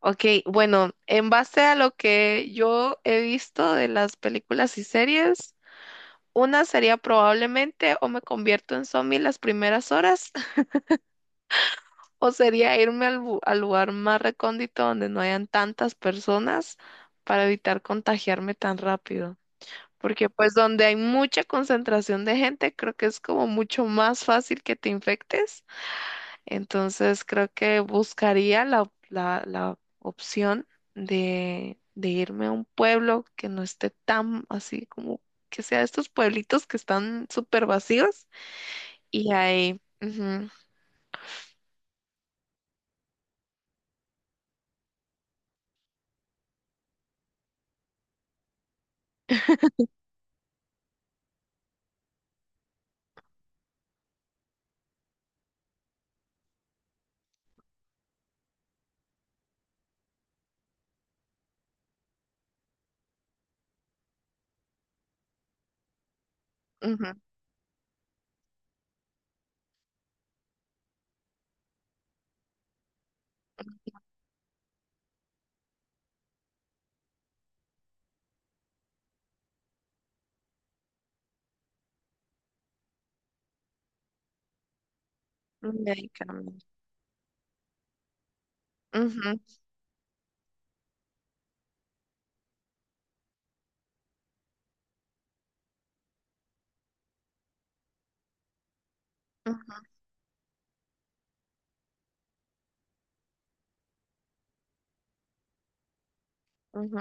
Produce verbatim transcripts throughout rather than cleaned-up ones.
Ok, bueno, en base a lo que yo he visto de las películas y series, una sería probablemente o me convierto en zombie las primeras horas, o sería irme al, bu- al lugar más recóndito donde no hayan tantas personas para evitar contagiarme tan rápido. Porque pues donde hay mucha concentración de gente, creo que es como mucho más fácil que te infectes. Entonces creo que buscaría la, op- la, la opción de, de irme a un pueblo que no esté tan así como que sea estos pueblitos que están súper vacíos y ahí, ujú, ujú, y ahí cambio. Ujú, ujú, ujú.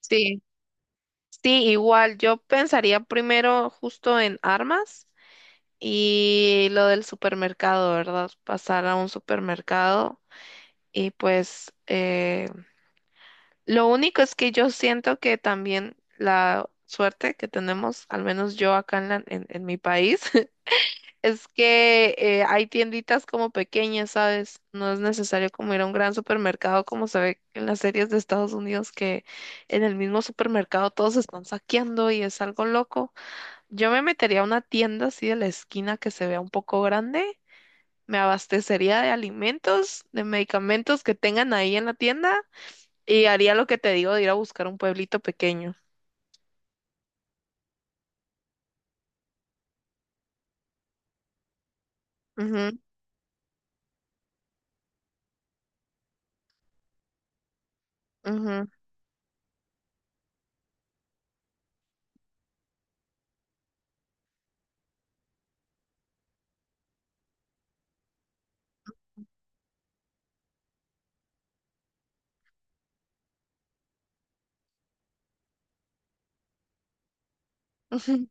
Sí, sí, igual yo pensaría primero justo en armas y lo del supermercado, ¿verdad? Pasar a un supermercado y pues... eh, lo único es que yo siento que también la suerte que tenemos, al menos yo acá en, la- en, en mi país, es que eh, hay tienditas como pequeñas, ¿sabes? No es necesario como ir a un gran supermercado como se ve en las series de Estados Unidos, que en el mismo supermercado todos están saqueando y es algo loco. Yo me metería a una tienda así de la esquina que se vea un poco grande, me abastecería de alimentos, de medicamentos que tengan ahí en la tienda. Y haría lo que te digo de ir a buscar un pueblito pequeño. Ujú, ujú, ujú.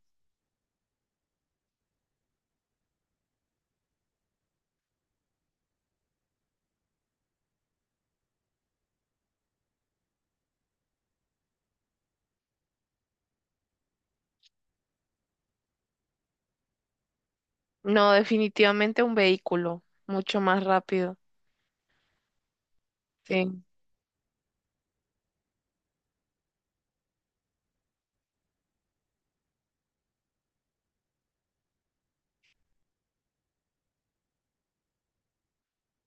No, definitivamente un vehículo, mucho más rápido. Sí.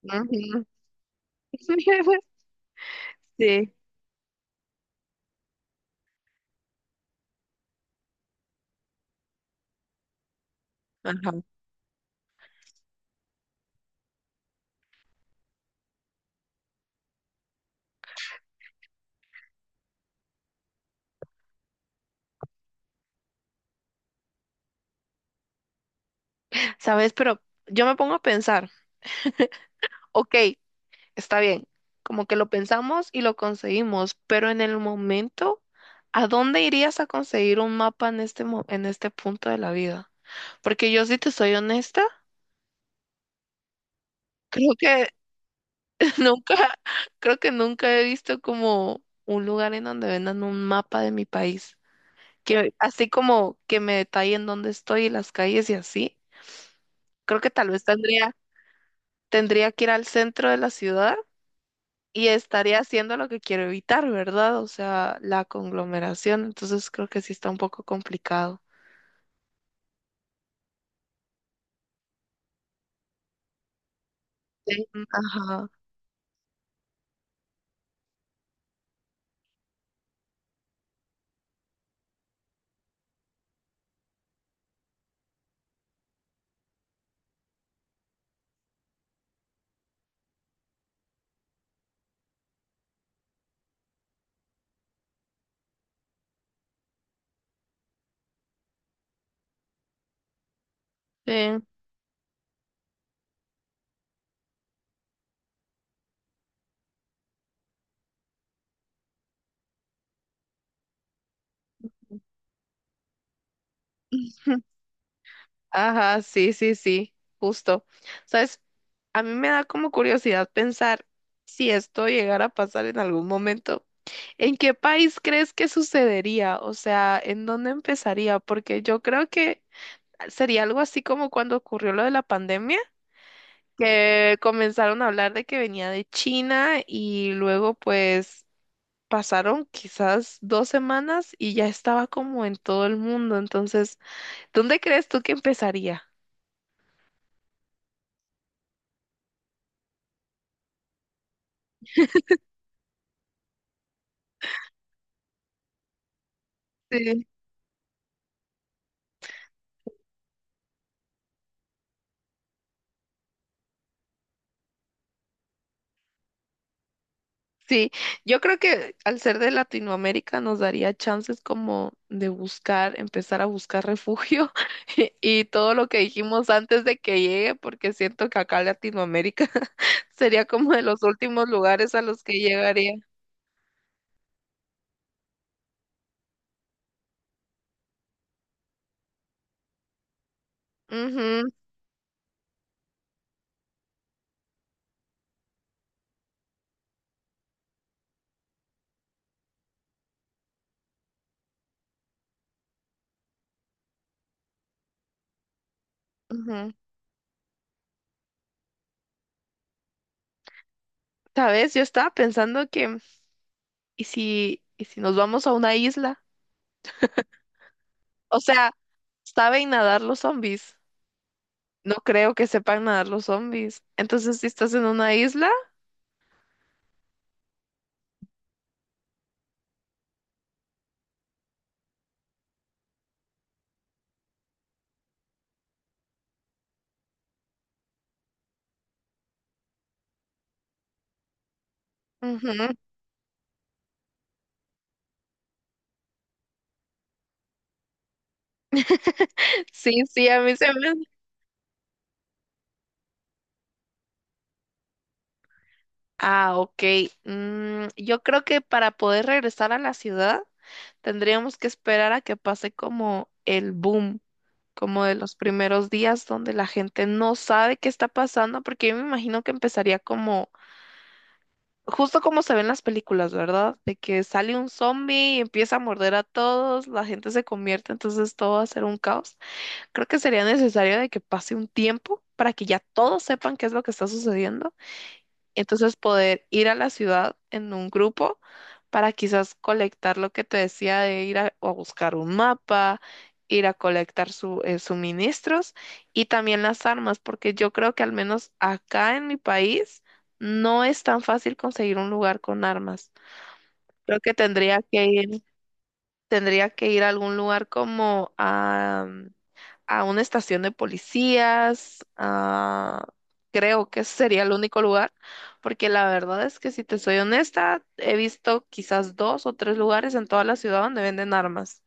Ujú. Sí. Ajá. ¿Sabes? Pero yo me pongo a pensar, ok, está bien, como que lo pensamos y lo conseguimos, pero en el momento, ¿a dónde irías a conseguir un mapa en este, mo- en este punto de la vida? Porque yo, si te soy honesta, creo que nunca, creo que nunca he visto como un lugar en donde vendan un mapa de mi país. Que así como que me detallen dónde estoy y las calles y así. Creo que tal vez tendría, tendría que ir al centro de la ciudad y estaría haciendo lo que quiero evitar, ¿verdad? O sea, la conglomeración. Entonces creo que sí está un poco complicado. Sí. Ajá. Sí. Ajá, sí, sí, sí, justo. ¿Sabes? A mí me da como curiosidad pensar si esto llegara a pasar en algún momento. ¿En qué país crees que sucedería? O sea, ¿en dónde empezaría? Porque yo creo que sería algo así como cuando ocurrió lo de la pandemia, que comenzaron a hablar de que venía de China y luego pues pasaron quizás dos semanas y ya estaba como en todo el mundo. Entonces, ¿dónde crees tú que empezaría? Sí. Sí, yo creo que al ser de Latinoamérica nos daría chances como de buscar, empezar a buscar refugio y y todo lo que dijimos antes de que llegue, porque siento que acá Latinoamérica sería como de los últimos lugares a los que llegaría. Ujú, ujú. ¿Sabes? Yo estaba pensando que, ¿y si, y si nos vamos a una isla? O sea, ¿saben nadar los zombies? No creo que sepan nadar los zombies. Entonces, si estás en una isla, ujú, sí, sí, a mí se me... Ah, ok. Mm, yo creo que para poder regresar a la ciudad tendríamos que esperar a que pase como el boom, como de los primeros días donde la gente no sabe qué está pasando, porque yo me imagino que empezaría como, justo como se ven las películas, ¿verdad? De que sale un zombie y empieza a morder a todos, la gente se convierte, entonces todo va a ser un caos. Creo que sería necesario de que pase un tiempo para que ya todos sepan qué es lo que está sucediendo. Entonces poder ir a la ciudad en un grupo para quizás colectar lo que te decía de ir a, a buscar un mapa, ir a colectar su, eh, suministros y también las armas, porque yo creo que al menos acá en mi país no es tan fácil conseguir un lugar con armas. Creo que tendría que ir, tendría que ir a algún lugar como a, mm, a una estación de policías, a- creo que ese sería el único lugar, porque la verdad es que si te soy honesta, he visto quizás dos o tres lugares en toda la ciudad donde venden armas.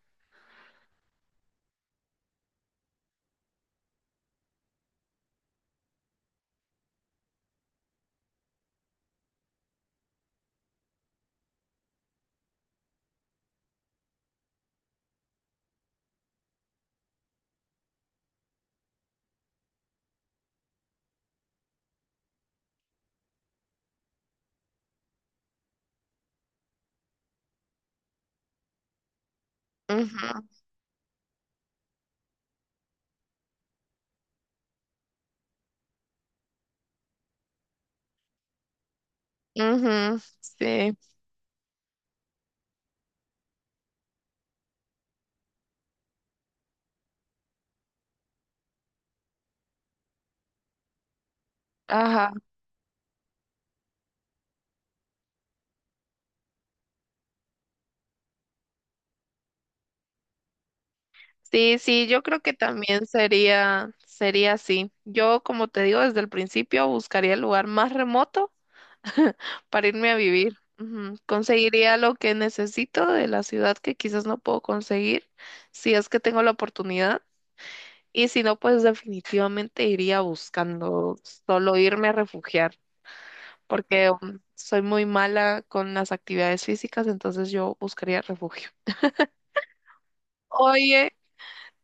Ujú, ujú, sí, ajá. Sí, sí, yo creo que también sería, sería así. Yo, como te digo, desde el principio buscaría el lugar más remoto para irme a vivir. Ujú. Conseguiría lo que necesito de la ciudad que quizás no puedo conseguir si es que tengo la oportunidad. Y si no, pues definitivamente iría buscando solo irme a refugiar, porque um, soy muy mala con las actividades físicas, entonces yo buscaría refugio. Oye,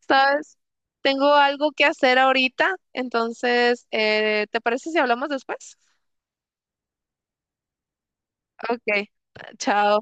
¿sabes? Tengo algo que hacer ahorita, entonces, eh, ¿te parece si hablamos después? Ok, chao.